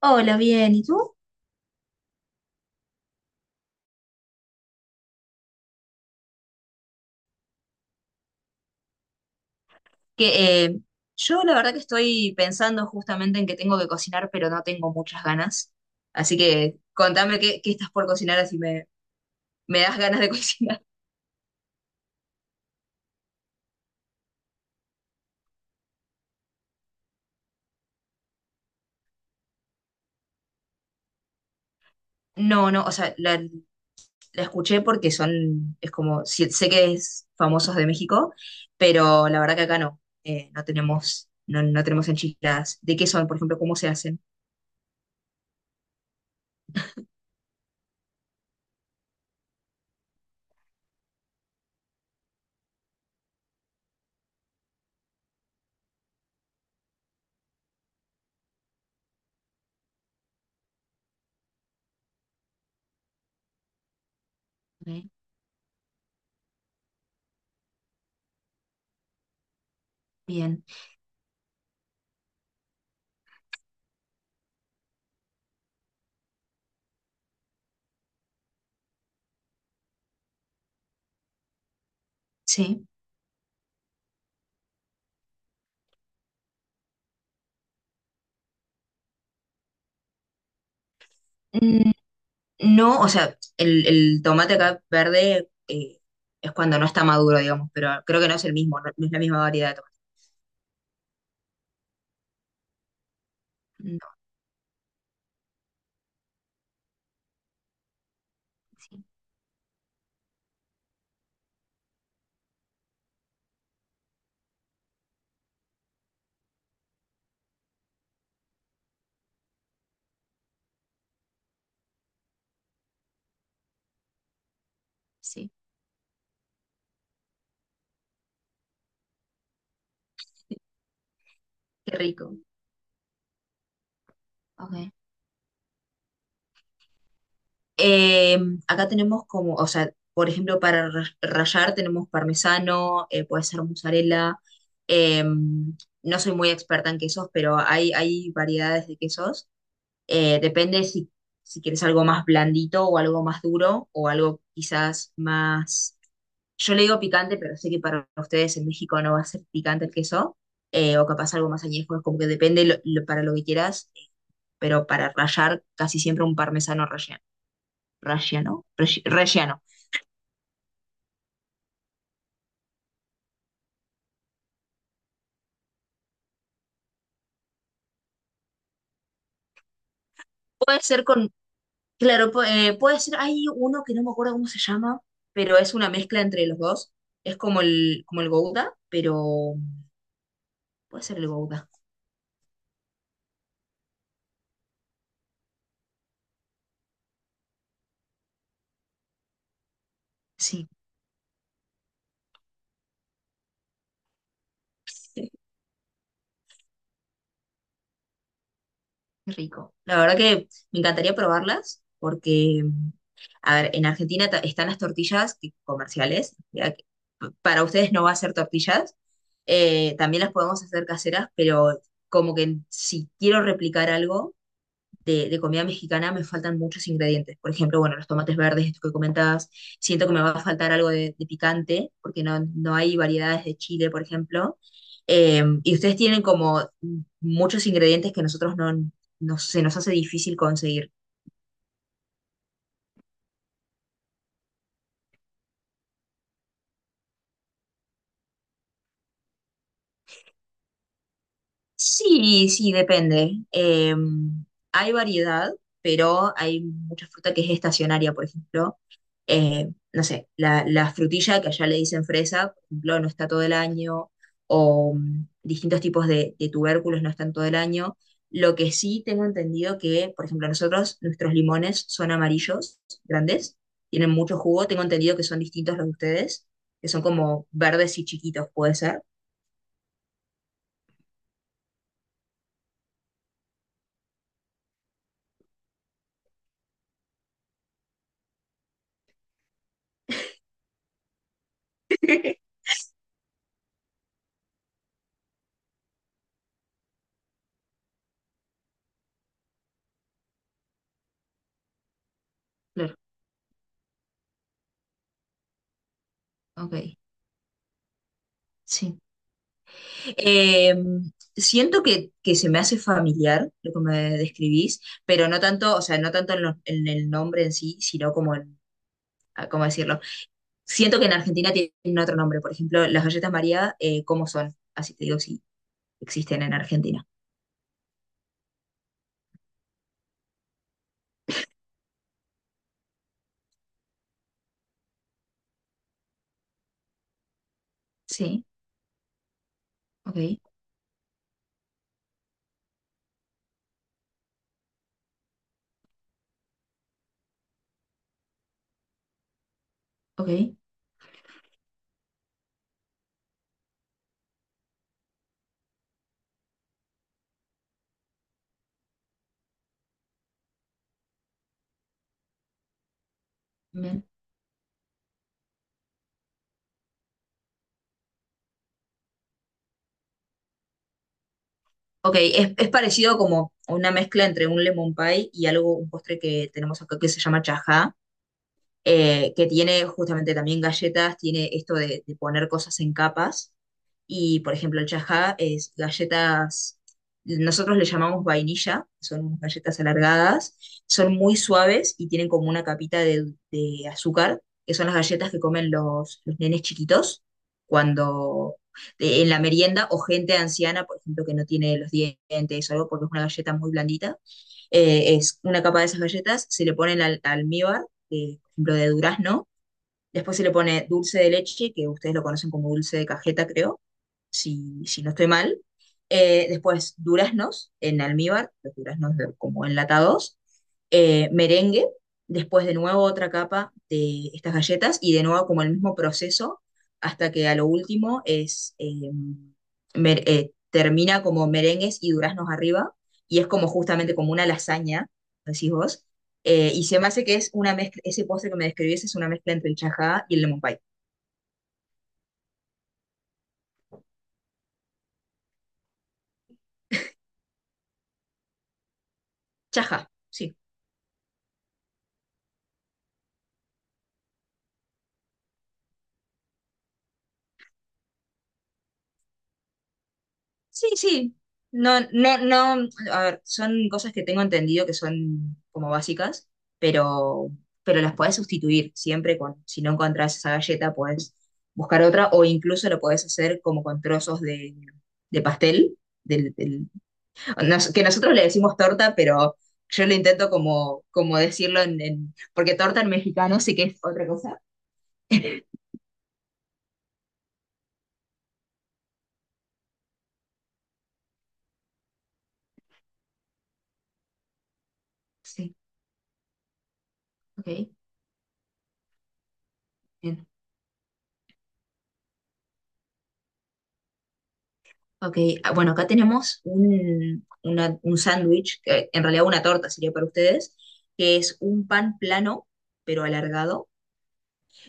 Hola, bien, ¿y tú? Que yo la verdad que estoy pensando justamente en que tengo que cocinar, pero no tengo muchas ganas. Así que contame qué estás por cocinar, así me das ganas de cocinar. No, no, o sea, la escuché porque es como, sí, sé que es famosos de México, pero la verdad que acá no, no tenemos, no tenemos enchiladas. ¿De qué son, por ejemplo, cómo se hacen? Ok, bien, sí. No, o sea, el tomate acá verde es cuando no está maduro, digamos, pero creo que no es el mismo, no, no es la misma variedad de tomate. No, sí, sí, Qué rico. Ok. Eh, acá tenemos como, o sea, por ejemplo, para rayar tenemos parmesano, puede ser mozzarella. eh, no soy muy experta en quesos, pero hay variedades de quesos. Depende si quieres algo más blandito o algo más duro o algo quizás más. Yo le digo picante, pero sé que para ustedes en México no va a ser picante el queso, o capaz algo más añejo, es como que depende para lo que quieras, pero para rallar casi siempre un parmesano relleno. ¿Relleno? Relleno. Puede ser con, claro, puede ser, hay uno que no me acuerdo cómo se llama, pero es una mezcla entre los dos. Es como el Gouda, pero puede ser el Gouda, sí. Qué rico. La verdad que me encantaría probarlas porque A ver, en Argentina están las tortillas comerciales, ya que para ustedes no va a ser tortillas, también las podemos hacer caseras, pero como que si quiero replicar algo de comida mexicana me faltan muchos ingredientes. Por ejemplo, bueno, los tomates verdes, esto que comentabas, siento que me va a faltar algo de picante, porque no hay variedades de chile, por ejemplo. Y ustedes tienen como muchos ingredientes que nosotros no, no se nos hace difícil conseguir. Sí, sí, depende. Hay variedad, pero hay mucha fruta que es estacionaria, por ejemplo. No sé, la frutilla que allá le dicen fresa, por ejemplo, no está todo el año, o distintos tipos de tubérculos no están todo el año. Lo que sí tengo entendido que, por ejemplo, nuestros limones son amarillos, grandes, tienen mucho jugo. Tengo entendido que son distintos los de ustedes, que son como verdes y chiquitos, puede ser. Claro, ok, sí. Eh, siento que, se me hace familiar lo que me describís, pero no tanto, o sea, no tanto en el nombre en sí, sino ah, ¿cómo decirlo? Siento que en Argentina tienen otro nombre, por ejemplo, las galletas María, ¿cómo son? Así te digo, si existen en Argentina. Sí, ok, ok, bien. Ok, es parecido como una mezcla entre un lemon pie y algo, un postre que tenemos acá que se llama chajá, que tiene justamente también galletas, tiene esto de poner cosas en capas. Y, por ejemplo, el chajá es galletas, nosotros le llamamos vainilla, son unas galletas alargadas, son muy suaves y tienen como una capita de azúcar, que son las galletas que comen los nenes chiquitos cuando en la merienda o gente anciana, por ejemplo, que no tiene los dientes o algo, porque es una galleta muy blandita. Es una capa de esas galletas, se le pone el almíbar, por ejemplo, de durazno. Después se le pone dulce de leche, que ustedes lo conocen como dulce de cajeta, creo, si no estoy mal. Después duraznos en almíbar, los duraznos como enlatados. Merengue, después de nuevo otra capa de estas galletas y de nuevo como el mismo proceso hasta que a lo último termina como merengues y duraznos arriba y es como justamente como una lasaña, decís vos, y se me hace que es una mezcla, ese postre que me describís es una mezcla entre el chajá y el lemon pie. Chajá, sí. Sí, sí. No, no, no. A ver, son cosas que tengo entendido que son como básicas, pero, pero las podés sustituir siempre con, si no encontrás esa galleta, podés buscar otra, o incluso lo podés hacer como con trozos de pastel, del, del- que nosotros le decimos torta, pero yo lo intento como decirlo porque torta en mexicano sí que es otra cosa. Sí, ok, bien. Ok, ah, bueno, acá tenemos un sándwich, que en realidad una torta sería para ustedes, que es un pan plano, pero alargado.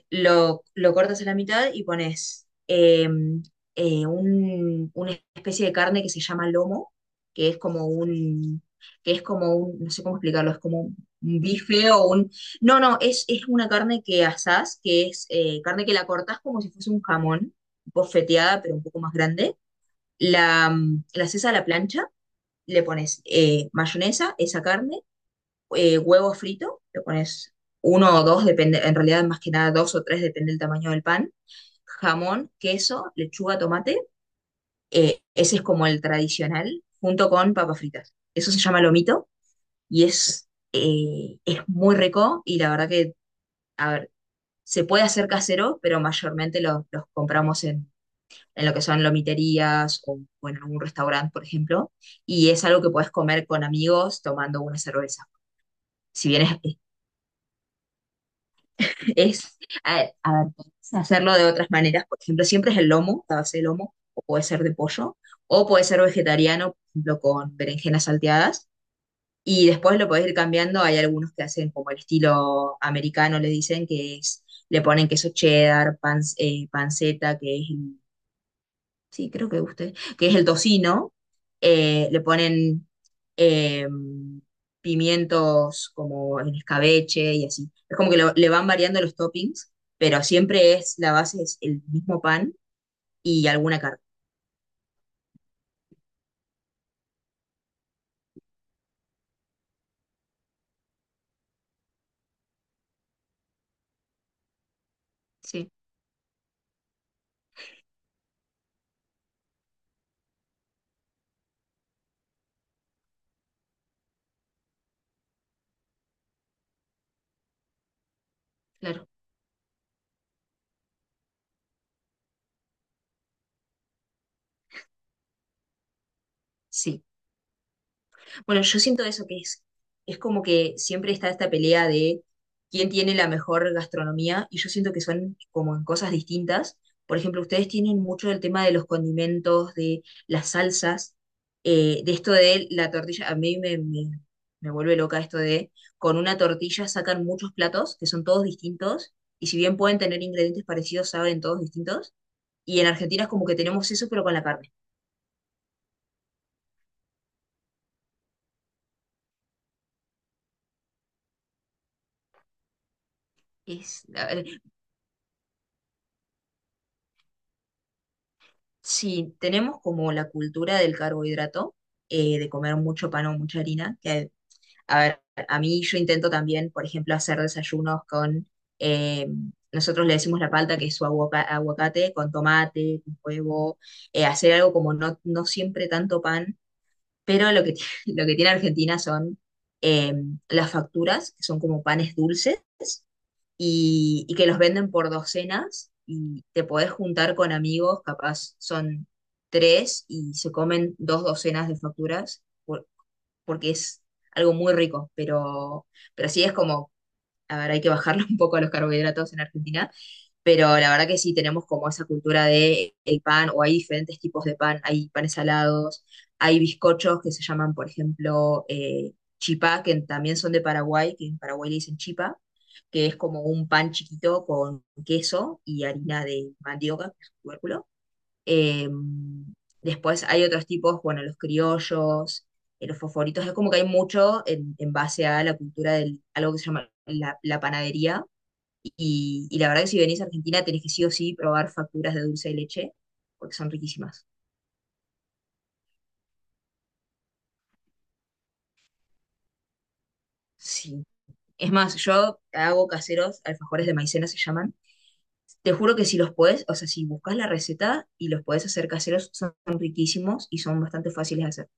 Lo cortas a la mitad y pones una especie de carne que se llama lomo, que es como un, que es como un, no sé cómo explicarlo, es como un bife o un... No, no, es una carne que asás, que es carne que la cortás como si fuese un jamón, bofeteada, pero un poco más grande. La haces a la plancha, le pones mayonesa, esa carne huevo frito, le pones uno o dos, depende, en realidad más que nada dos o tres, depende del tamaño del pan, jamón, queso, lechuga, tomate, ese es como el tradicional, junto con papas fritas. Eso se llama lomito y es muy rico y la verdad que, a ver, se puede hacer casero, pero mayormente los compramos en, lo que son lomiterías o, en algún restaurante, por ejemplo, y es algo que puedes comer con amigos tomando una cerveza. Si bien es, a ver, puedes hacerlo de otras maneras. Por ejemplo, siempre es el lomo, la base de lomo, o puede ser de pollo, o puede ser vegetariano, por ejemplo, con berenjenas salteadas. Y después lo podés ir cambiando. Hay algunos que hacen como el estilo americano, le dicen que es, le ponen queso cheddar, panceta, que es sí, creo que usted, que es el tocino, le ponen eh, pimientos como en escabeche y así. Es como que le van variando los toppings, pero siempre la base es el mismo pan y alguna carne. Sí, claro, sí. Bueno, yo siento eso que es como que siempre está esta pelea de quién tiene la mejor gastronomía y yo siento que son como en cosas distintas. Por ejemplo, ustedes tienen mucho del tema de los condimentos, de las salsas, de esto de la tortilla. A mí me vuelve loca esto de con una tortilla sacan muchos platos que son todos distintos y si bien pueden tener ingredientes parecidos, saben todos distintos. Y en Argentina es como que tenemos eso, pero con la carne. Es, si tenemos como la cultura del carbohidrato, de comer mucho pan o mucha harina, que a ver, a mí yo intento también, por ejemplo, hacer desayunos eh, nosotros le decimos la palta, que es su aguacate, con tomate, con huevo, hacer algo como no siempre tanto pan, pero lo que tiene Argentina son eh, las facturas, que son como panes dulces, y que los venden por docenas y te podés juntar con amigos, capaz son tres y se comen dos docenas de facturas porque es algo muy rico, pero sí es como, a ver, hay que bajarle un poco a los carbohidratos en Argentina pero la verdad que sí tenemos como esa cultura de el pan, o hay diferentes tipos de pan, hay panes salados, hay bizcochos que se llaman, por ejemplo, chipá, que también son de Paraguay, que en Paraguay le dicen chipa, que es como un pan chiquito con queso y harina de mandioca, que es un tubérculo. Eh, después hay otros tipos, bueno, los criollos, los fosforitos, es como que hay mucho en, base a la cultura de algo que se llama la panadería y la verdad que si venís a Argentina tenés que sí o sí probar facturas de dulce de leche, porque son riquísimas. Sí. Es más, yo hago caseros, alfajores de maicena se llaman. Te juro que si los podés, o sea, si buscas la receta y los podés hacer caseros, son riquísimos y son bastante fáciles de hacer.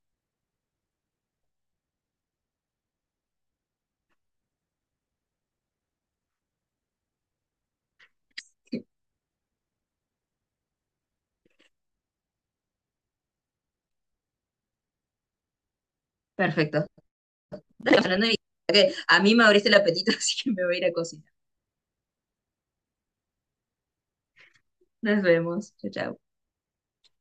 Perfecto. Hablando de- que A mí me abriste el apetito, así que me voy a ir a cocinar. Nos vemos. Chao, chao.